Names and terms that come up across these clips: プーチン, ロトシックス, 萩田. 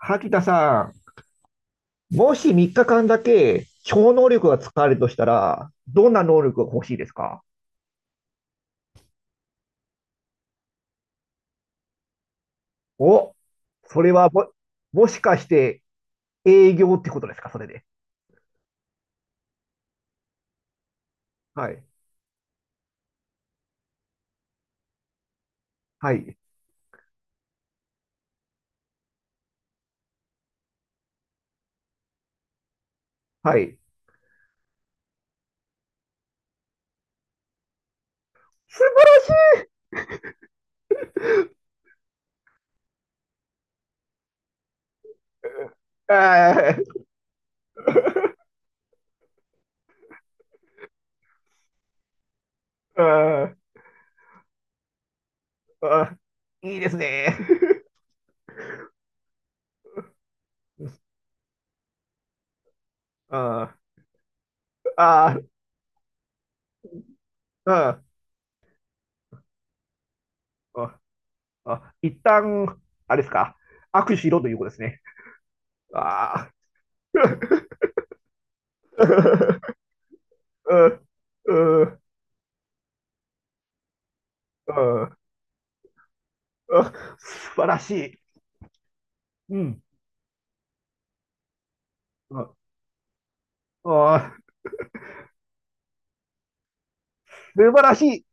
萩田さん、もし3日間だけ超能力が使われるとしたら、どんな能力が欲しいですか？お、それはも、もしかして営業ってことですかそれで？はい。はい。はい。素晴らしい、あー。 あー、あー、いいですね。あー、あー、あー、あー、あー一旦、あれですか、握手しろということですね。ああ。うん、うん、うん。 あ、素晴らしい。うん。ああ、素晴らしい。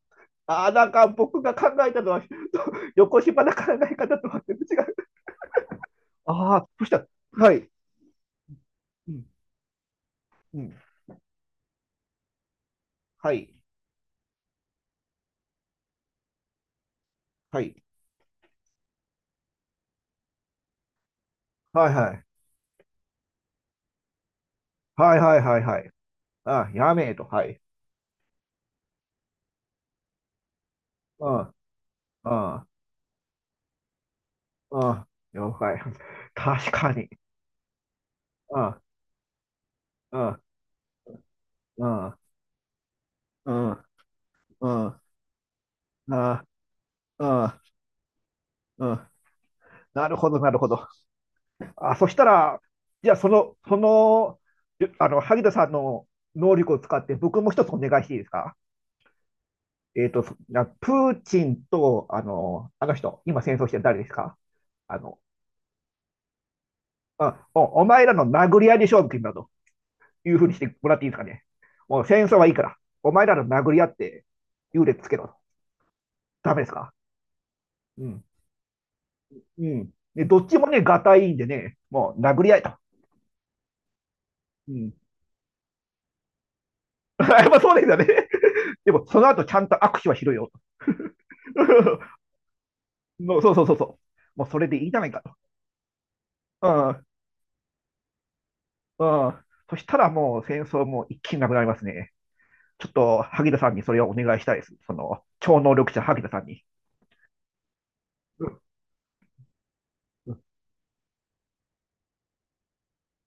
あ、なんか僕が考えたのは、横芝な考え方とは全然違う。ああ、どうしたら。はい。うん。うん。はい。はい。はいはい。はいはいはいはい。あ、やめえと。はい。うん。うん。うん。了解。確かに。うん。うん。うん。うん。うん。うん。うん。うん、なるほど、なるほど。あ、そしたら、じゃああの、萩田さんの能力を使って、僕も一つお願いしていいですか？えっと、そなプーチンと、あの、あの人、今戦争してる誰ですか？あの、あ、お、お前らの殴り合いで勝負決めたというふうにしてもらっていいですかね。もう戦争はいいから、お前らの殴り合って優劣つけろと。ダメですか？うん。うん。で、どっちもね、がたいいんでね、もう殴り合いと。うん。やっぱそうですよね。でも、その後ちゃんと握手はしろよと。もうそうそうそうそう。もうそれでいいじゃないかと。うん、うん。そしたらもう戦争も一気になくなりますね。ちょっと萩田さんにそれをお願いしたいです。その超能力者萩田さんに。うん、う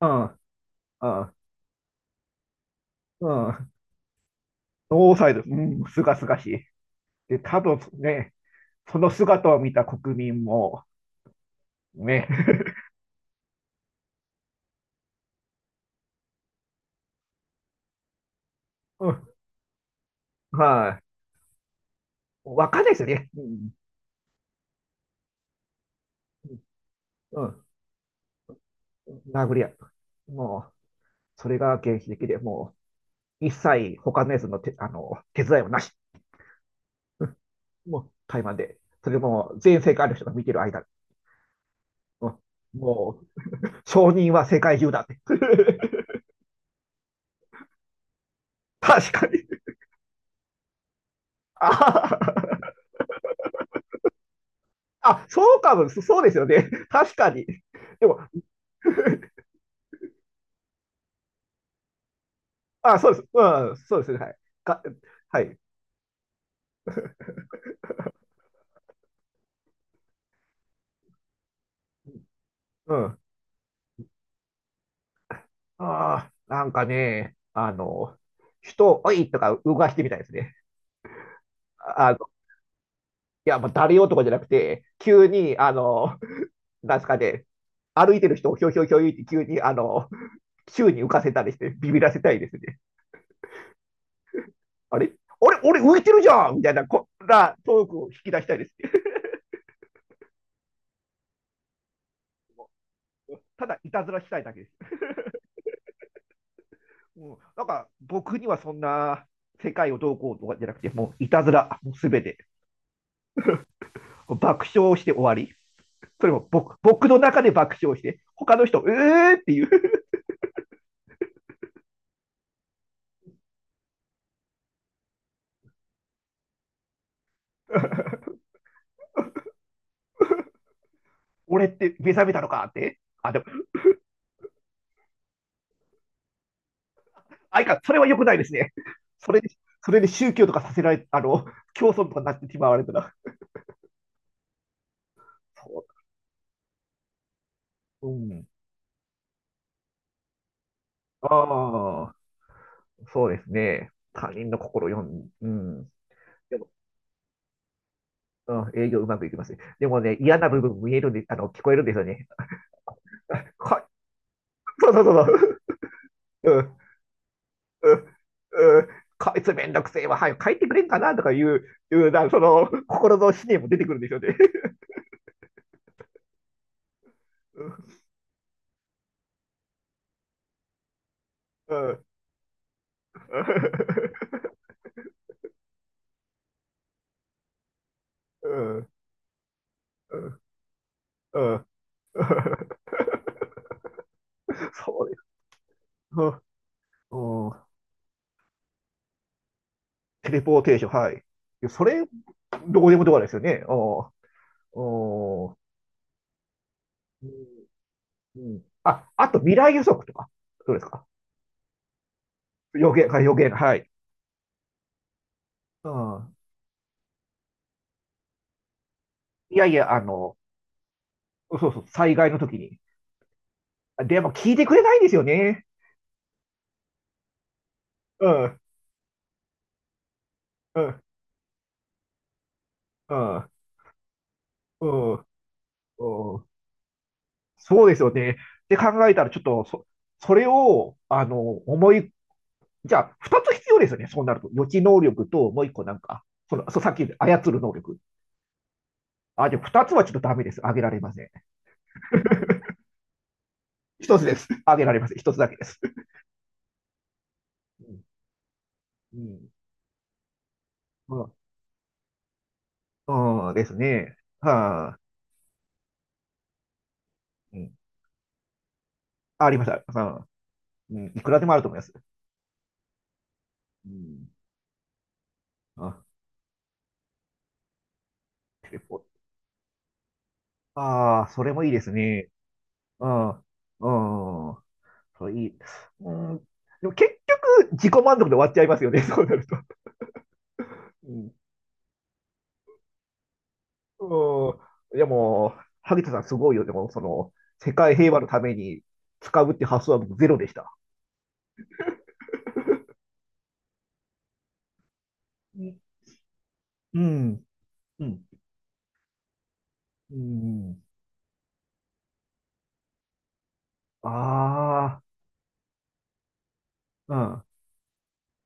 ん、うん、うん。うん、ノーサイド、うん、すがすがしい。で、多分ね、その姿を見た国民も、ね、うん、はい、わかんないですよね。うん、うん、殴り合う、もう、それが原始的で、もう、一切他のやつの手あの手伝いはなし。もう台湾で。それも全世界の人が見てる間、うん、もう承認は世界中だって。確かに。ああ、そうかも、そうですよね。確かに。でも、あ、そうです。うん、そうですね。はい。か、はい。うん。ああ、なんかね、あの、人を、おいとか動かしてみたいですね。あの、いや、もう誰男じゃなくて、急に、あの、なんですかね、歩いてる人をひょいひょいひょいって急に、あの、宙に浮かせたりしてビビらせたいですね。あれあれ俺浮いてるじゃんみたいなこんなトークを引き出したいですね。ただいたずらしたいだけです。もうなんか僕にはそんな世界をどうこうとかじゃなくて、もういたずら、もうすべて。爆笑して終わり。それも僕の中で爆笑して、他の人、っていう。俺って目覚めたのかって。あ、でも、あいか、それは良くないですね。それで、それで宗教とかさせられ、あの、競争とかになってしまわれたら。そう。うん。ああ。そうですね。他人の心を読ん、うん。でも、うん、営業うまくいきますね。でもね、嫌な部分見えるんで、あの、聞こえるんですよね。はい、そうそうそうそう。うん、うん、うん。こいつめんどくせえわ、早く帰ってくれんかなとかいう、いうな、その、心の思念も出てくるんですよね。うん、うん、うん、うん。うん、そうです。うん、うん。テレポーテーション、はい。いやそれ、どこでもドアですよね。うん。うん、うん。あ、あと未来予測とか。どうですか？予言、はい、予言、はい。うん。いやいや、あの、そうそう、災害の時に。でも聞いてくれないんですよね。うん、うん、うん、うん、うん。そうですよね。って考えたら、ちょっとそ、それを、あの、思い、じゃあ、二つ必要ですよね。そうなると。予知能力と、もう一個なんか、さっき言った操る能力。あ、でも二つはちょっとダメです。あげられません。一つです。あげられません。一つだけです。うん、うん、うん。そうですね。はあ、うん。あ、ありました。さん、うん、いくらでもあると思います。うん。あ、テレポ。ああ、それもいいですね。うん。うん。それいい。うん。でも結構自己満足で終わっちゃいますよね、そうなると。うん。うん。でも、萩田さんすごいよね。でも、その、世界平和のために使うって発想は僕ゼロでした。うん。うん。うん。うん。ああ、うん。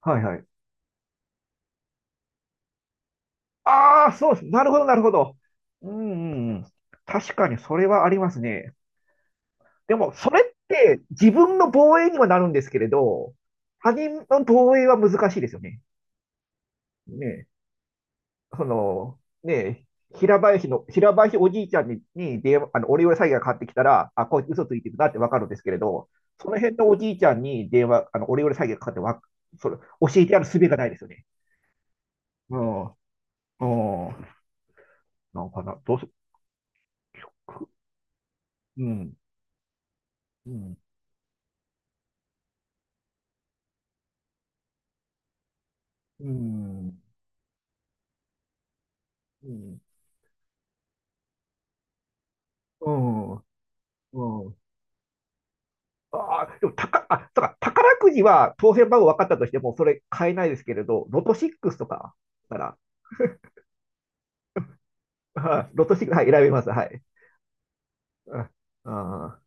はいはい。ああ、そうです。なるほど、なるほど。うん、うん、うん。確かにそれはありますね。でも、それって自分の防衛にはなるんですけれど、他人の防衛は難しいですよね。ねえ、その、ねえ、平林の、平林おじいちゃんに、に電話、あの、オレオレ詐欺がかかってきたら、あ、こいつ嘘ついてるなってわかるんですけれど、その辺のおじいちゃんに電話、あの、オレオレ詐欺がかかってわ、それ、教えてやる術がないですよね。うん。うん。なんかな、どうす、うん。うん。うん。うん。うん。うん。ああ、でも、たか、あ、そうか、宝くじは当選番号分かったとしても、それ買えないですけれど、ロトシックスとかなら、はい、ロトシックス、はい、選べます。はい。うん。うん、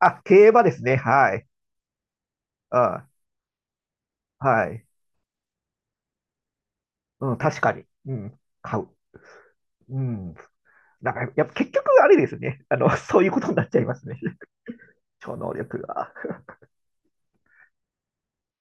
あ、競馬ですね。はい。あ、はい。うん、確かに。うん、買う。うん。なんから、やっぱ結局、あれですね。あの、そういうことになっちゃいますね。超能力が。